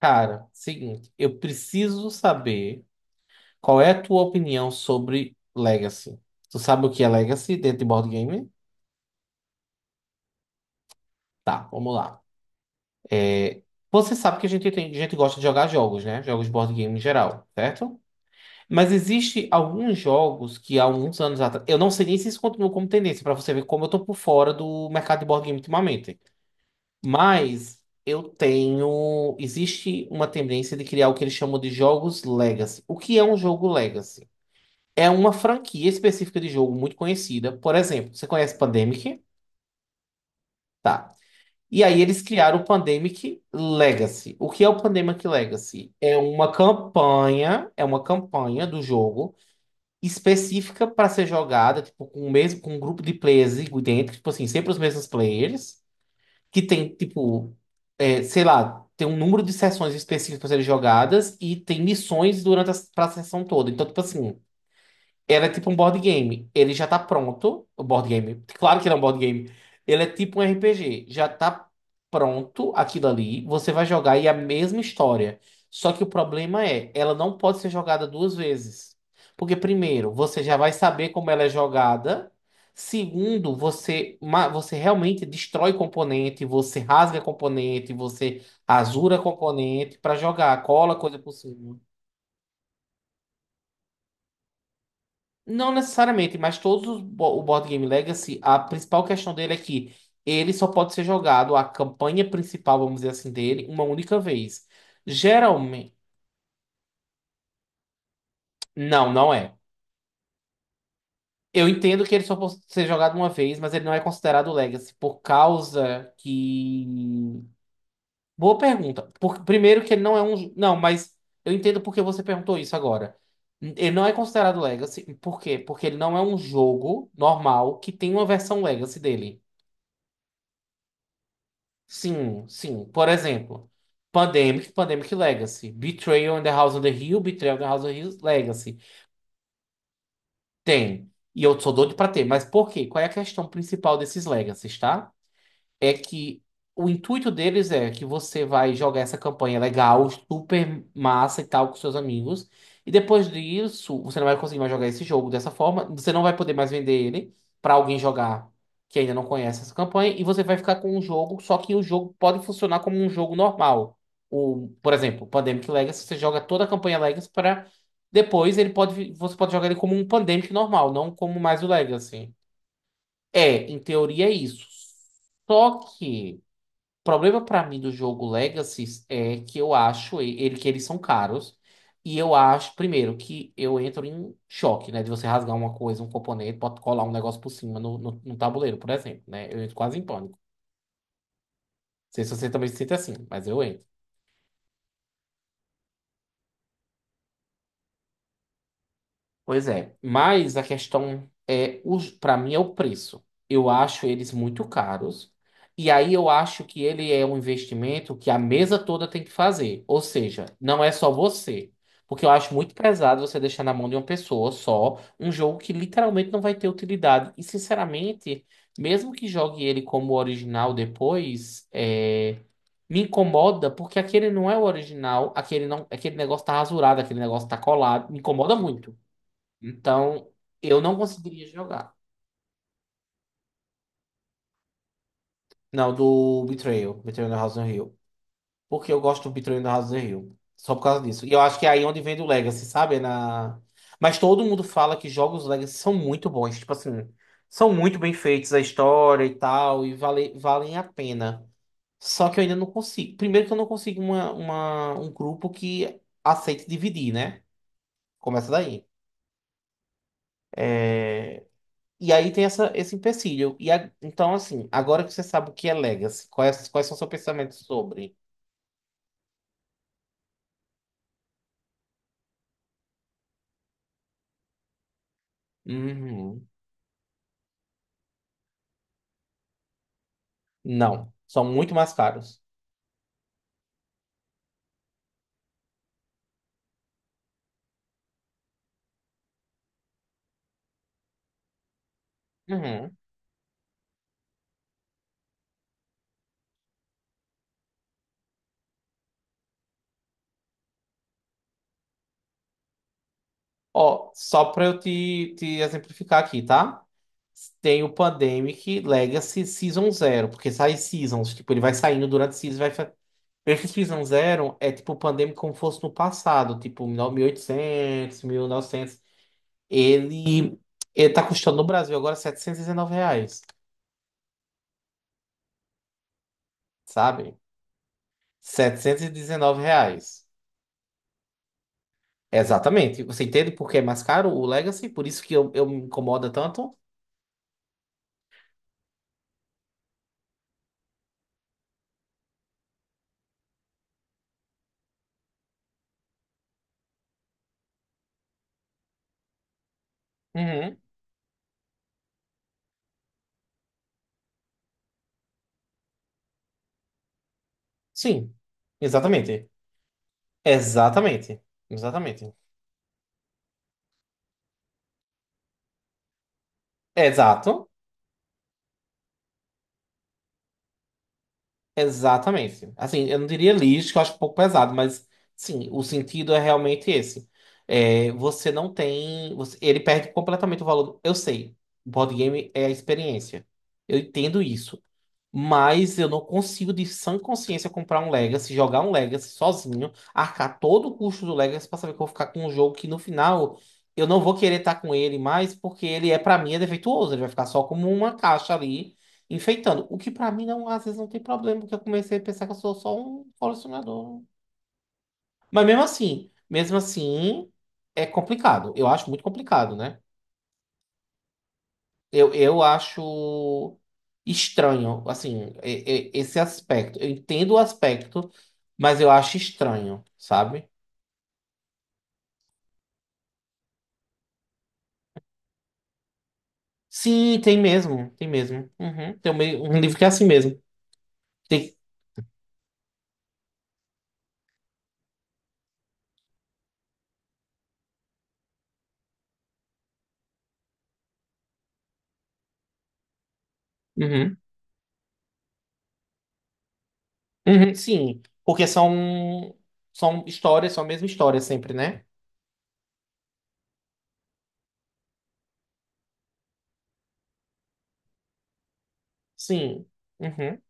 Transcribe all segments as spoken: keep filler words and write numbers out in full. Cara, seguinte, eu preciso saber qual é a tua opinião sobre Legacy. Tu sabe o que é Legacy dentro de board game? Tá, vamos lá. É, Você sabe que a gente tem, a gente gosta de jogar jogos, né? Jogos de board game em geral, certo? Mas existe alguns jogos que há alguns anos atrás, eu não sei nem se isso continua como tendência pra você ver como eu tô por fora do mercado de board game ultimamente. Mas eu tenho, existe uma tendência de criar o que eles chamam de jogos Legacy. O que é um jogo Legacy? É uma franquia específica de jogo muito conhecida. Por exemplo, você conhece Pandemic? Tá. E aí eles criaram o Pandemic Legacy. O que é o Pandemic Legacy? É uma campanha, é uma campanha do jogo específica para ser jogada, tipo, com o mesmo, com um grupo de players dentro, tipo assim, sempre os mesmos players, que tem, tipo, é, sei lá, tem um número de sessões específicas para serem jogadas e tem missões durante a, pra sessão toda. Então, tipo assim, ela é tipo um board game. Ele já tá pronto. O board game. Claro que não é um board game. Ele é tipo um R P G. Já tá pronto aquilo ali. Você vai jogar e é a mesma história. Só que o problema é, ela não pode ser jogada duas vezes. Porque, primeiro, você já vai saber como ela é jogada. Segundo, você, ma- você realmente destrói componente, você rasga componente, você rasura componente para jogar, cola coisa por cima. Não necessariamente, mas todos os bo- o Board Game Legacy, a principal questão dele é que ele só pode ser jogado, a campanha principal, vamos dizer assim, dele, uma única vez. Geralmente. Não, não é. Eu entendo que ele só pode ser jogado uma vez, mas ele não é considerado Legacy, por causa que. Boa pergunta. Por... Primeiro que ele não é um. Não, mas eu entendo porque você perguntou isso agora. Ele não é considerado Legacy, por quê? Porque ele não é um jogo normal que tem uma versão Legacy dele. Sim, sim. Por exemplo, Pandemic, Pandemic Legacy. Betrayal in the House on the Hill, Betrayal in the House on the Hill, Legacy. Tem. E eu sou doido pra ter. Mas por quê? Qual é a questão principal desses Legacies, tá? É que o intuito deles é que você vai jogar essa campanha legal, super massa e tal com seus amigos. E depois disso, você não vai conseguir mais jogar esse jogo dessa forma. Você não vai poder mais vender ele para alguém jogar que ainda não conhece essa campanha. E você vai ficar com um jogo, só que o jogo pode funcionar como um jogo normal. O, por exemplo, Pandemic Legacy, você joga toda a campanha Legacy para depois ele pode, vi- você pode jogar ele como um Pandemic normal, não como mais o Legacy. É, em teoria é isso. Só que problema pra mim do jogo Legacy é que eu acho e- ele que eles são caros e eu acho primeiro que eu entro em choque, né, de você rasgar uma coisa, um componente, pode colar um negócio por cima no, no, no tabuleiro, por exemplo, né? Eu entro quase em pânico. Não sei se você também se sente assim, mas eu entro. Pois é, mas a questão é, para mim é o preço. Eu acho eles muito caros, e aí eu acho que ele é um investimento que a mesa toda tem que fazer. Ou seja, não é só você. Porque eu acho muito pesado você deixar na mão de uma pessoa só um jogo que literalmente não vai ter utilidade. E sinceramente, mesmo que jogue ele como original depois, é, me incomoda porque aquele não é o original, aquele não, aquele negócio tá rasurado, aquele negócio tá colado, me incomoda muito. Então, eu não conseguiria jogar. Não, do Betrayal, Betrayal na House on Hill. Porque eu gosto do Betrayal na House on Hill. Só por causa disso. E eu acho que é aí onde vem do Legacy, sabe? É na... Mas todo mundo fala que jogos Legacy são muito bons. Tipo assim, são muito bem feitos a história e tal, e vale, valem a pena. Só que eu ainda não consigo. Primeiro que eu não consigo uma, uma- um grupo que aceite dividir, né? Começa daí. E aí tem essa, esse empecilho. E a- então, assim, agora que você sabe o que é Legacy, quais, quais são seus pensamentos sobre? Uhum. Não, são muito mais caros. Uhum. Ó, só para eu te, te exemplificar aqui, tá? Tem o Pandemic Legacy Season Zero, porque sai seasons, tipo, ele vai saindo durante seasons, vai... fa- esse Season Zero é tipo o Pandemic como fosse no passado, tipo mil e oitocentos, mil e novecentos. Ele, ele tá custando no Brasil agora R$ setecentos e dezenove reais, sabe? setecentos e dezenove reais. Exatamente. Você entende por que é mais caro o Legacy? Por isso que eu, eu me incomoda tanto? Uhum. Sim. Exatamente. Exatamente. Exatamente. Exato. Exatamente. Assim, eu não diria lixo, que eu acho um pouco pesado, mas sim, o sentido é realmente esse. É, você não tem. Você- ele perde completamente o valor. Eu sei, o board game é a experiência. Eu entendo isso. Mas eu não consigo, de sã consciência, comprar um Legacy, jogar um Legacy sozinho, arcar todo o custo do Legacy pra saber que eu vou ficar com um jogo que no final eu não vou querer estar com ele mais, porque ele é, pra mim, é defeituoso. Ele vai ficar só como uma caixa ali, enfeitando. O que pra mim, não, às vezes, não tem problema, porque eu comecei a pensar que eu sou só um colecionador. Mas mesmo assim, mesmo assim, é complicado. Eu acho muito complicado, né? Eu, eu acho estranho, assim, e- e- esse aspecto. Eu entendo o aspecto, mas eu acho estranho, sabe? Sim, tem mesmo, tem mesmo. Uhum. Tem um, meio- um livro que é assim mesmo. Tem, uhum. Uhum, sim, porque são, são histórias, são a mesma história sempre, né? Sim. Uhum.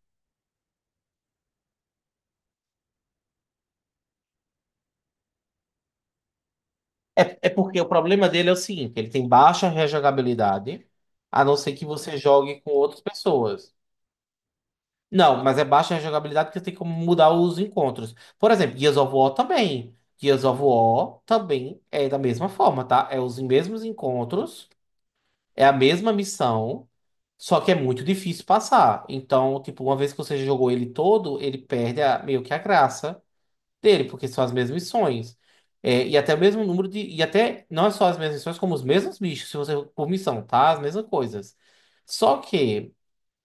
É, é porque o problema dele é o seguinte, ele tem baixa rejogabilidade, a não ser que você jogue com outras pessoas. Não, mas é baixa a jogabilidade porque tem como mudar os encontros. Por exemplo, Gears of War também. Gears of War também é da mesma forma, tá? É os mesmos encontros, é a mesma missão, só que é muito difícil passar. Então, tipo, uma vez que você jogou ele todo, ele perde a- meio que a graça dele, porque são as mesmas missões. É, e até o mesmo número de. E até não é só as mesmas missões, como os mesmos bichos, se você por missão, tá? As mesmas coisas. Só que.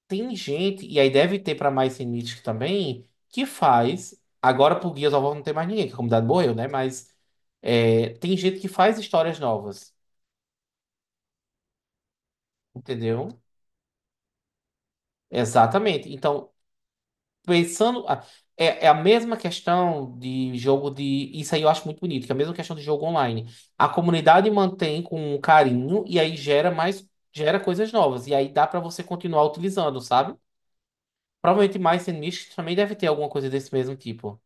Tem gente, e aí deve ter pra mais sem Mythic também, que faz. Agora por guias of War não tem mais ninguém, que a comunidade morreu, né? Mas é, tem gente que faz histórias novas, entendeu? Exatamente. Então, pensando. a- é, é a mesma questão de jogo de. Isso aí eu acho muito bonito, que é a mesma questão de jogo online. A comunidade mantém com um carinho e aí gera mais. Gera coisas novas. E aí dá pra você continuar utilizando, sabe? Provavelmente mais Mythic também deve ter alguma coisa desse mesmo tipo.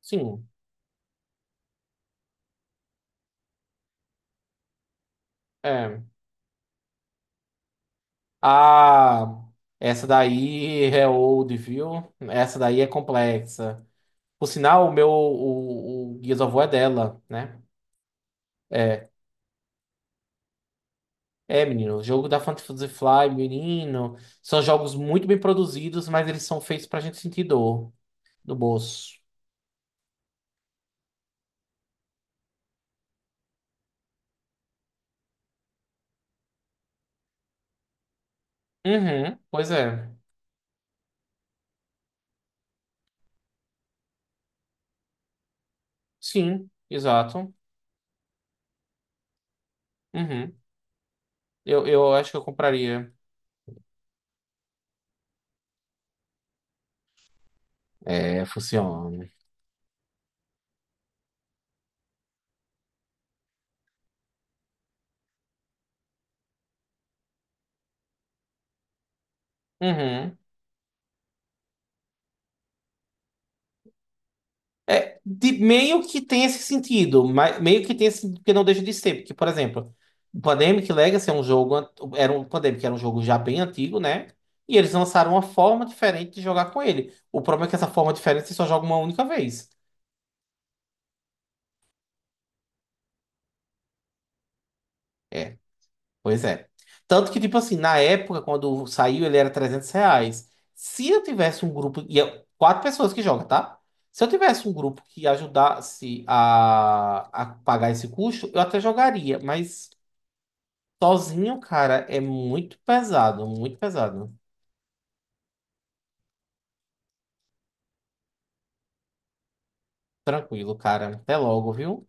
Sim. É. Ah, essa daí é old, viu? Essa daí é complexa. Por sinal, o meu o, o Gears of War é dela, né? É, é, menino. O jogo da Fantasy Fly, menino. São jogos muito bem produzidos, mas eles são feitos pra gente sentir dor no bolso. Uhum, pois é. Sim, exato. Uhum. Eu, eu acho que eu compraria. É, funciona. Uhum. É, de- meio que tem esse sentido, mas meio que tem esse sentido que não deixa de ser, porque, por exemplo, o Pandemic Legacy é um jogo, an- era um o Pandemic era um jogo já bem antigo, né? E eles lançaram uma forma diferente de jogar com ele. O problema é que essa forma diferente você só joga uma única vez. É, pois é. Tanto que, tipo assim, na época, quando saiu, ele era trezentos reais. Se eu tivesse um grupo, e é quatro pessoas que jogam, tá? Se eu tivesse um grupo que ajudasse a, a pagar esse custo, eu até jogaria, mas. Sozinho, cara, é muito pesado, muito pesado. Tranquilo, cara. Até logo, viu?